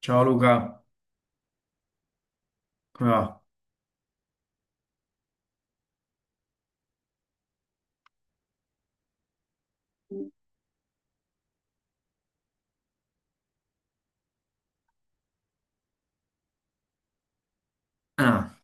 Ciao Luca, come va? Ah,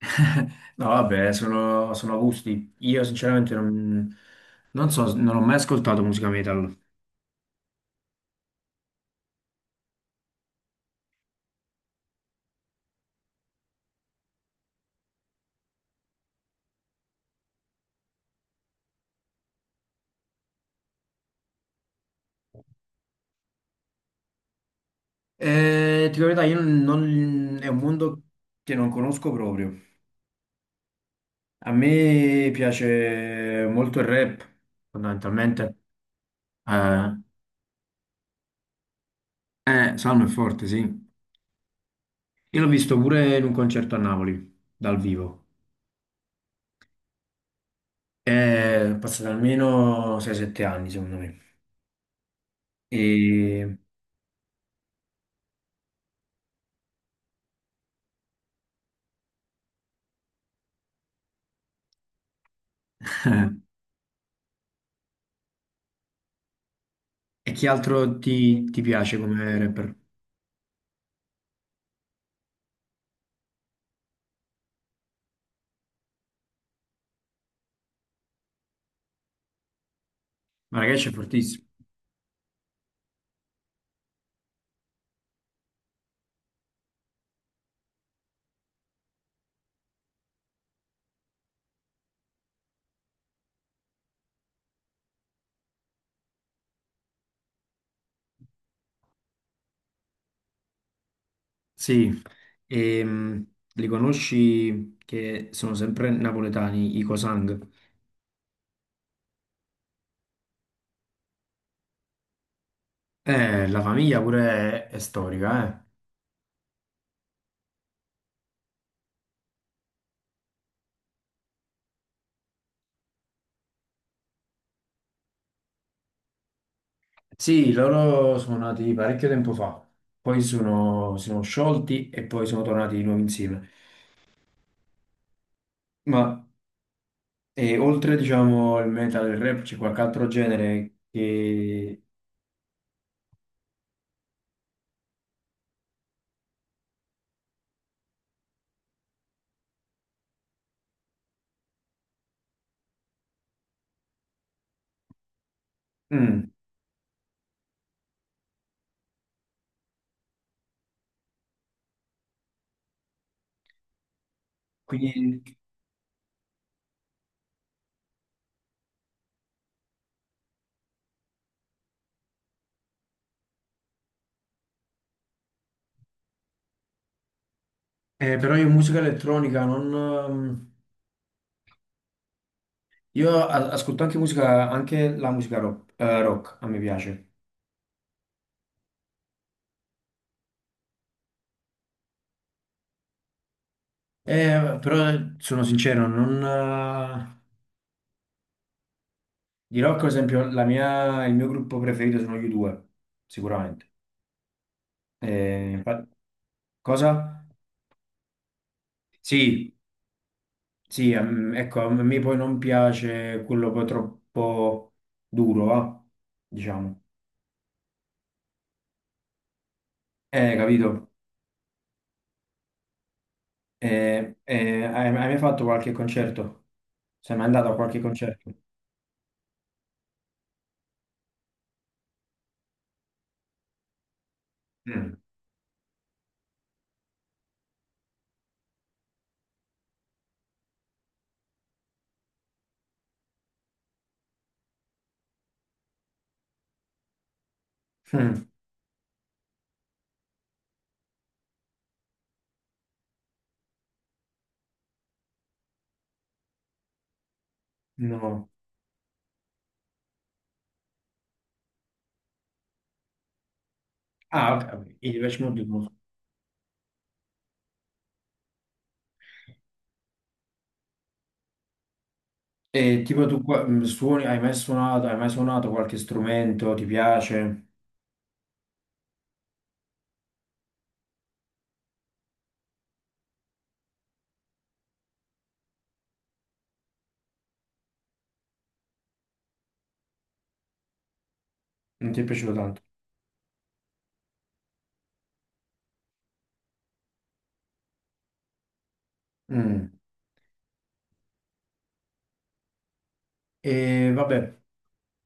no vabbè, sono gusti. Io sinceramente non so, non ho mai ascoltato musica metal. Ti dico la verità, io non, è un mondo che non conosco proprio. A me piace molto il rap, fondamentalmente. Eh, Salmo è forte, sì. Io l'ho visto pure in un concerto a Napoli, dal vivo. È passato almeno 6-7 anni, secondo me. E E chi altro ti piace come rapper? Marracash è fortissimo. Sì, e, li conosci che sono sempre napoletani, i Cosang. La famiglia pure è storica, eh. Sì, loro sono nati parecchio tempo fa, si sono sciolti e poi sono tornati di nuovo insieme. Ma oltre, diciamo, il metal e il rap, c'è qualche altro genere che... Mm, quindi... però io musica elettronica non, io ascolto anche musica, anche la musica rock, rock, a me piace. Però sono sincero, non, di rock, ad esempio, il mio gruppo preferito sono gli U2, sicuramente. Eh, infa- cosa? Sì, sì, ecco, a me poi non piace quello poi troppo duro, va? Diciamo. Capito? Hai mai fatto qualche concerto? Sei mai andato a qualche concerto? Mm. Mm, no. Ah, ok, ok. Quindi ti piace molto il musica. E tipo tu qua- suoni, hai mai suonato qualche strumento, ti piace? Non ti è piaciuto tanto? Mm. E vabbè,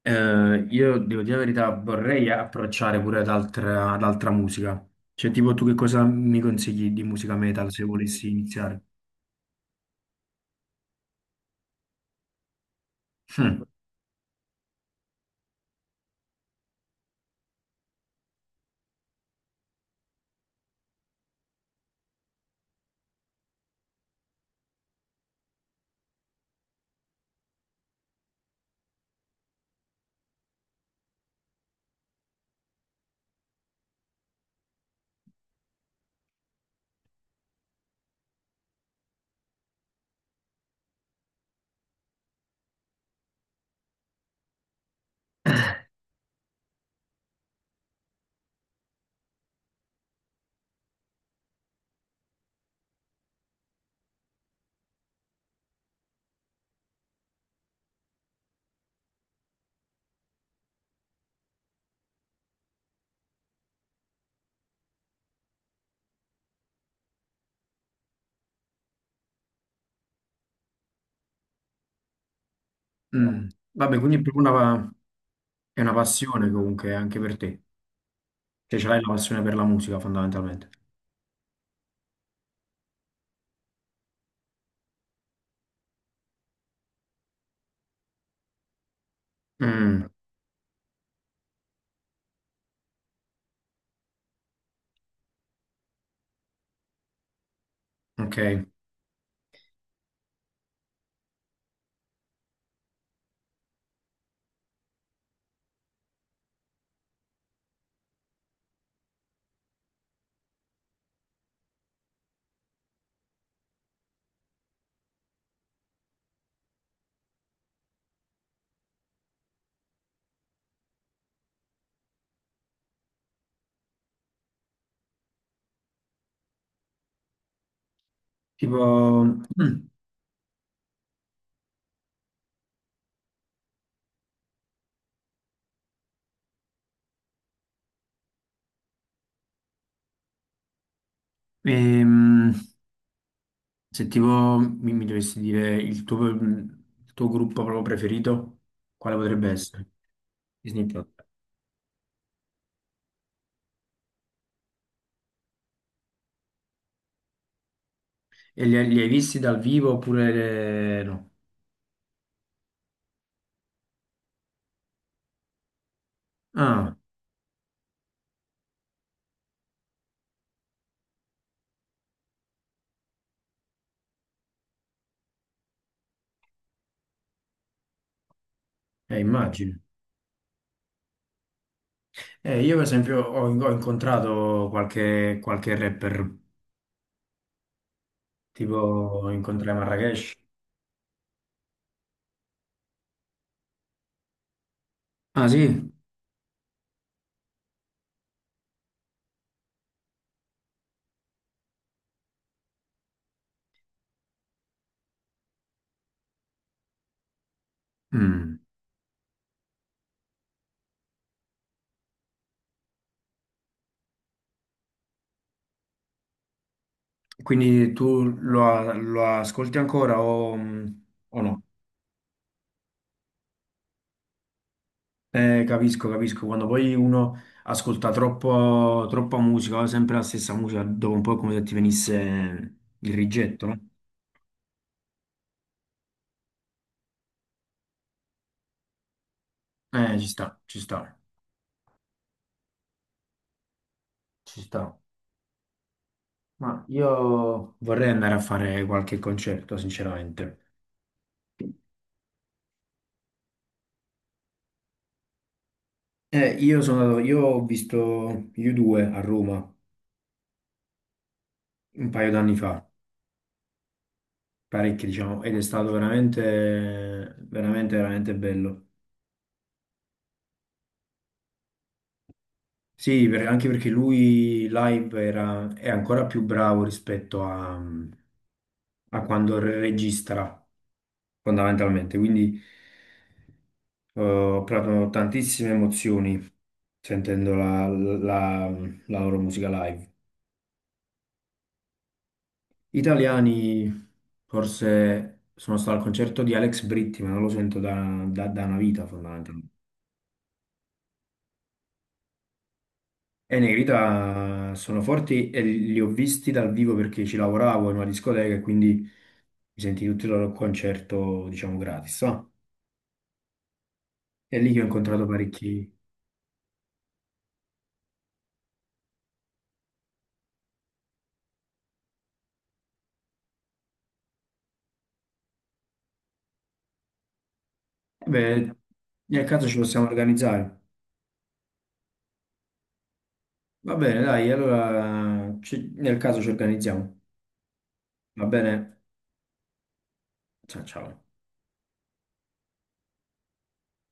io devo dire la verità, vorrei approcciare pure ad altra musica. Cioè, tipo tu che cosa mi consigli di musica metal se volessi iniziare? Mm. Mm. Vabbè, quindi è proprio è una passione comunque anche per te. Cioè, ce l'hai la passione per la musica fondamentalmente. Mm, ok, tipo, mm, Ehm, se tipo mi dovessi dire il tuo gruppo proprio preferito, quale potrebbe essere? I Snoop Dogg. E li hai visti dal vivo oppure no? Ah, immagino. Io per esempio ho incontrato qualche rapper, tipo incontrai Marrakesh. Ah sì? Mm. Quindi tu lo ascolti ancora o no? Capisco, capisco. Quando poi uno ascolta troppa musica, sempre la stessa musica, dopo un po' è come se ti venisse il rigetto, no? Eh, ci sta, ci sta, ci sta. Ma io vorrei andare a fare qualche concerto, sinceramente. Io ho visto U2 a Roma un paio d'anni fa, parecchi, diciamo, ed è stato veramente bello. Sì, anche perché lui live è ancora più bravo rispetto a quando registra, fondamentalmente. Quindi ho provato tantissime emozioni sentendo la loro musica live. Italiani, forse sono stato al concerto di Alex Britti, ma non lo sento da una vita, fondamentalmente. E Negrita sono forti e li ho visti dal vivo perché ci lavoravo in una discoteca e quindi mi senti tutto il loro concerto, diciamo, gratis. No? È lì che ho incontrato parecchi. Eh beh, nel caso ci possiamo organizzare. Va bene, nel caso ci organizziamo. Va bene? Ciao ciao.